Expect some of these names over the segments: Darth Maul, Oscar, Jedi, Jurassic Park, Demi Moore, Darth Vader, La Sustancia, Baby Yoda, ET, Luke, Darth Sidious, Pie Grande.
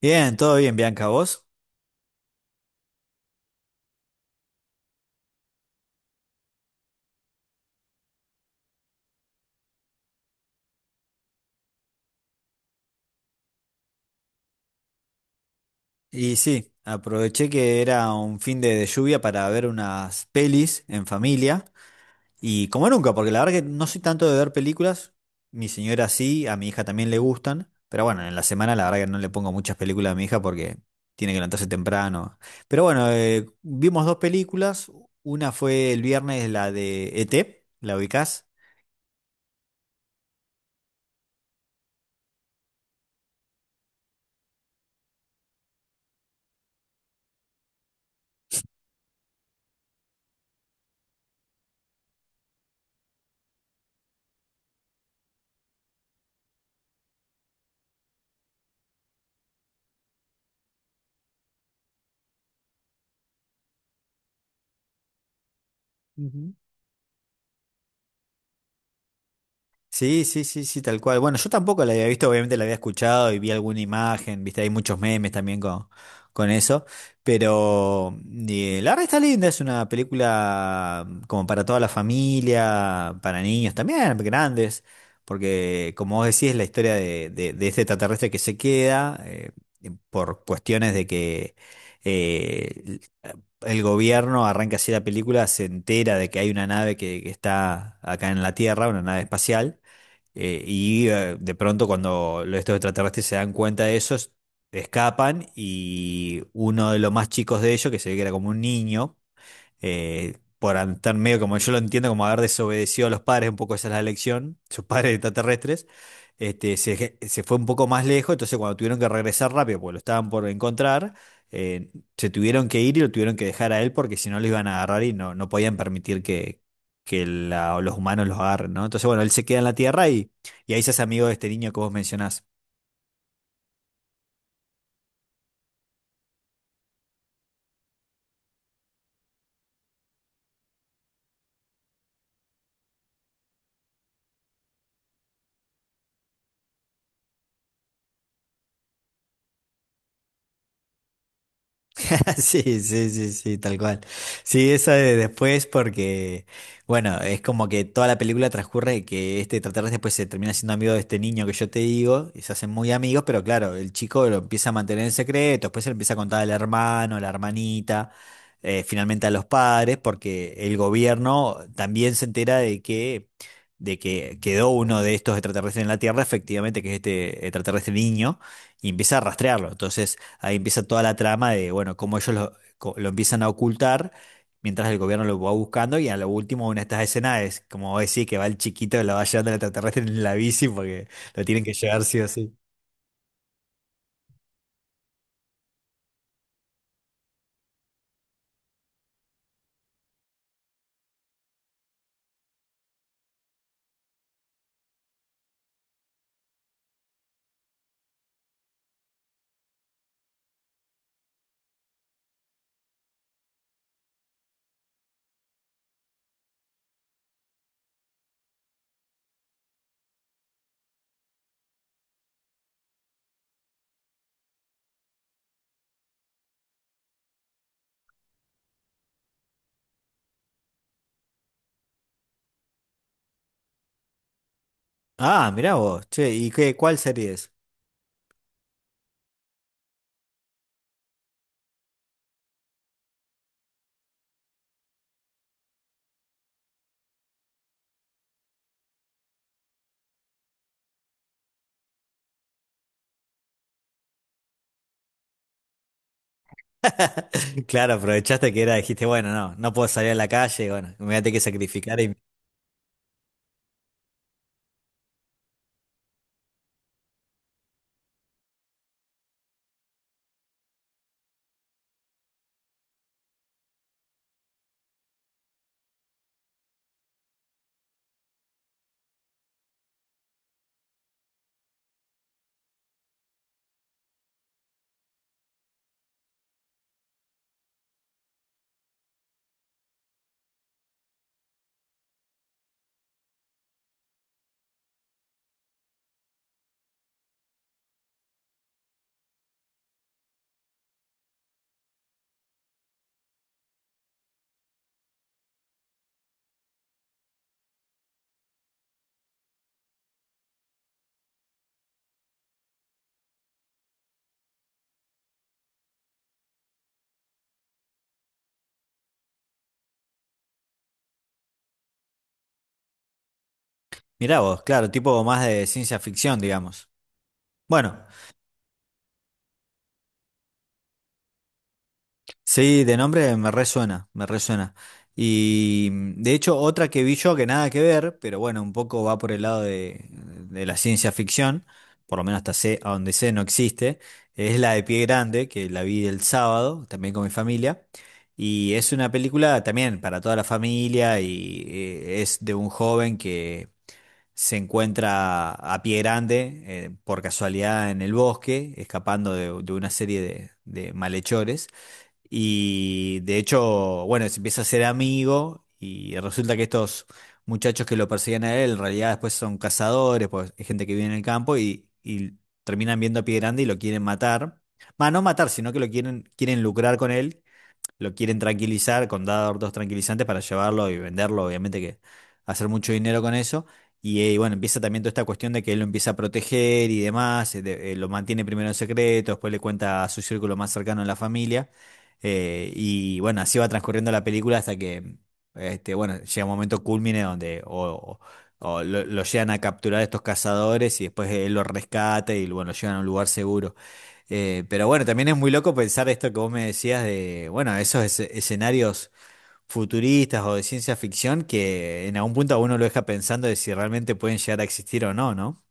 Bien, todo bien, Bianca, ¿vos? Y sí, aproveché que era un fin de lluvia para ver unas pelis en familia. Y como nunca, porque la verdad que no soy tanto de ver películas. Mi señora sí, a mi hija también le gustan. Pero bueno, en la semana la verdad que no le pongo muchas películas a mi hija porque tiene que levantarse temprano. Pero bueno, vimos 2 películas. Una fue el viernes, la de ET, ¿la ubicás? Sí, sí, sí, sí, tal cual. Bueno, yo tampoco la había visto, obviamente la había escuchado y vi alguna imagen, viste, hay muchos memes también con eso, pero la verdad está linda, es una película como para toda la familia, para niños también, grandes, porque como vos decís, es la historia de este extraterrestre que se queda por cuestiones de que eh, el gobierno arranca así la película, se entera de que hay una nave que está acá en la Tierra, una nave espacial, y de pronto cuando estos extraterrestres se dan cuenta de eso, escapan y uno de los más chicos de ellos, que se ve que era como un niño, por estar medio como yo lo entiendo, como haber desobedecido a los padres, un poco esa es la lección, sus padres extraterrestres, este, se, se fue un poco más lejos, entonces cuando tuvieron que regresar rápido, porque lo estaban por encontrar, eh, se tuvieron que ir y lo tuvieron que dejar a él porque si no lo iban a agarrar y no, no podían permitir que los humanos los agarren, ¿no? Entonces, bueno, él se queda en la Tierra y ahí se hace amigo de este niño que vos mencionás. Sí, sí, sí, sí, tal cual. Sí, esa de después porque, bueno, es como que toda la película transcurre que este extraterrestre después se termina siendo amigo de este niño que yo te digo, y se hacen muy amigos, pero claro, el chico lo empieza a mantener en secreto, después se lo empieza a contar al hermano, a la hermanita, finalmente a los padres, porque el gobierno también se entera de que quedó uno de estos extraterrestres en la Tierra, efectivamente, que es este extraterrestre niño y empieza a rastrearlo. Entonces ahí empieza toda la trama de, bueno, cómo ellos lo, lo empiezan a ocultar mientras el gobierno lo va buscando y a lo último una de estas escenas es como vos decís que va el chiquito, que lo va llevando el extraterrestre en la bici porque lo tienen que llevar sí o sí. Ah, mirá vos, che, ¿y qué, cuál serie es? Claro, aprovechaste que era, dijiste, bueno, no, no puedo salir a la calle, bueno, me voy a tener que sacrificar y mirá vos, claro, tipo más de ciencia ficción, digamos. Bueno. Sí, de nombre me resuena, me resuena. Y de hecho, otra que vi yo que nada que ver, pero bueno, un poco va por el lado de la ciencia ficción, por lo menos hasta sé, a donde sé no existe, es la de Pie Grande, que la vi el sábado, también con mi familia. Y es una película también para toda la familia y es de un joven que se encuentra a Pie Grande por casualidad en el bosque, escapando de una serie de malhechores. Y de hecho, bueno, se empieza a ser amigo y resulta que estos muchachos que lo perseguían a él, en realidad después son cazadores, pues hay gente que vive en el campo y terminan viendo a Pie Grande y lo quieren matar. Va, no matar, sino que lo quieren, quieren lucrar con él lo quieren tranquilizar con dar 2 tranquilizantes para llevarlo y venderlo, obviamente que hacer mucho dinero con eso. Y bueno, empieza también toda esta cuestión de que él lo empieza a proteger y demás, lo mantiene primero en secreto, después le cuenta a su círculo más cercano en la familia. Y bueno, así va transcurriendo la película hasta que, este, bueno, llega un momento culmine donde o lo llegan a capturar estos cazadores y después él lo rescata y bueno, lo llevan a un lugar seguro. Pero bueno, también es muy loco pensar esto que vos me decías de, bueno, esos escenarios futuristas o de ciencia ficción que en algún punto a uno lo deja pensando de si realmente pueden llegar a existir o no, ¿no?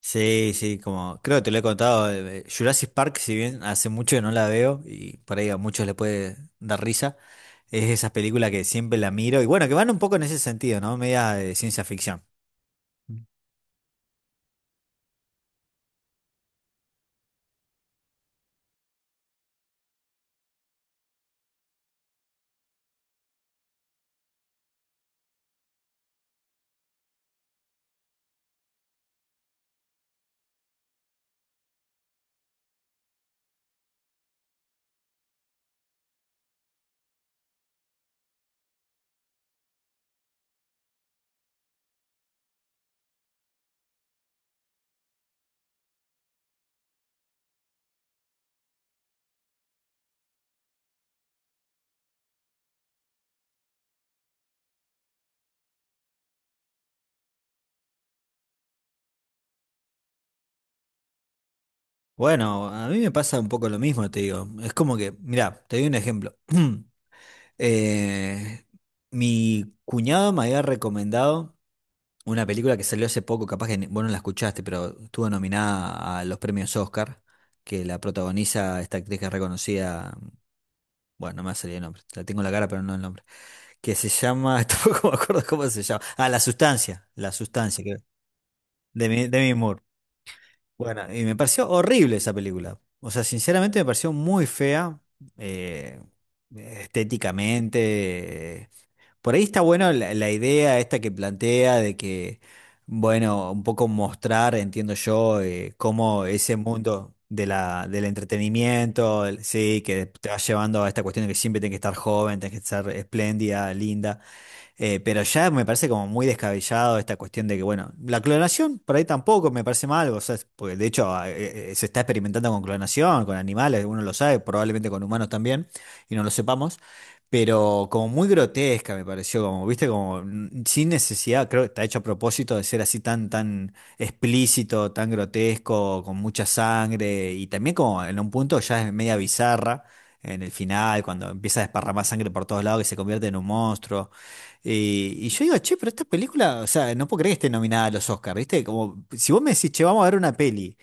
Sí, sí, como creo que te lo he contado, Jurassic Park, si bien hace mucho que no la veo y por ahí a muchos le puede dar risa, es esa película que siempre la miro y bueno, que van un poco en ese sentido, ¿no? Media de ciencia ficción. Bueno, a mí me pasa un poco lo mismo, te digo. Es como que, mira, te doy un ejemplo. Eh, Mi cuñado me había recomendado una película que salió hace poco, capaz que vos no la escuchaste, pero estuvo nominada a los premios Oscar, que la protagoniza esta actriz que es reconocida, bueno, no me va a salir el nombre, la tengo en la cara, pero no el nombre, que se llama, tampoco me acuerdo cómo se llama, ah, La Sustancia, La Sustancia, que, de mi Moore. Bueno, y me pareció horrible esa película, o sea, sinceramente me pareció muy fea, eh, estéticamente. Por ahí está bueno la idea esta que plantea de que, bueno, un poco mostrar, entiendo yo, cómo ese mundo de la, del entretenimiento, el- sí, que te va llevando a esta cuestión de que siempre tienes que estar joven, tienes que estar espléndida, linda. Pero ya me parece como muy descabellado esta cuestión de que, bueno, la clonación por ahí tampoco me parece mal, o sea, porque de hecho se está experimentando con clonación, con animales, uno lo sabe, probablemente con humanos también, y no lo sepamos, pero como muy grotesca me pareció, como, viste, como sin necesidad, creo que está hecho a propósito de ser así tan, tan explícito, tan grotesco, con mucha sangre, y también como en un punto ya es media bizarra. En el final, cuando empieza a desparramar sangre por todos lados, que se convierte en un monstruo. Eh, y yo digo, che, pero esta película, o sea, no puedo creer que esté nominada a los Oscars, ¿viste? Como si vos me decís, che, vamos a ver una peli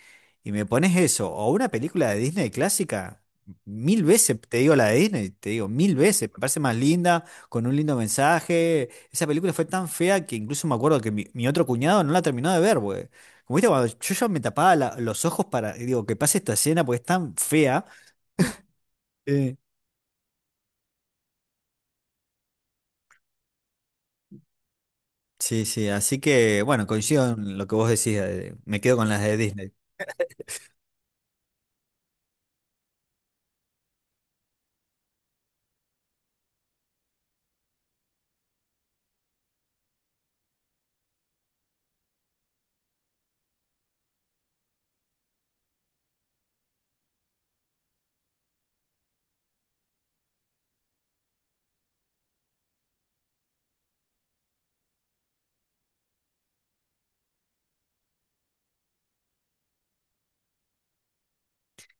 y me pones eso, o una película de Disney clásica, mil veces te digo la de Disney, te digo mil veces, me parece más linda, con un lindo mensaje. Esa película fue tan fea que incluso me acuerdo que mi otro cuñado no la terminó de ver, güey. Como viste, cuando yo ya me tapaba los ojos para, digo, que pase esta escena porque es tan fea. Eh, Sí, sí, así que bueno, coincido en lo que vos decís, me quedo con las de Disney.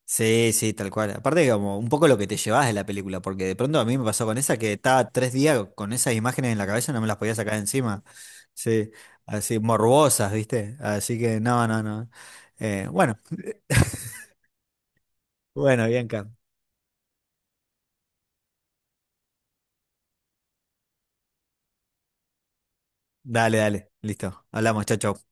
Sí, sí, tal cual. Aparte, como un poco lo que te llevas de la película, porque de pronto a mí me pasó con esa que estaba 3 días con esas imágenes en la cabeza no me las podía sacar encima. Sí, así morbosas, ¿viste? Así que no, no, no. Bueno, bueno, Bianca. Dale, dale. Listo. Hablamos, chau, chau.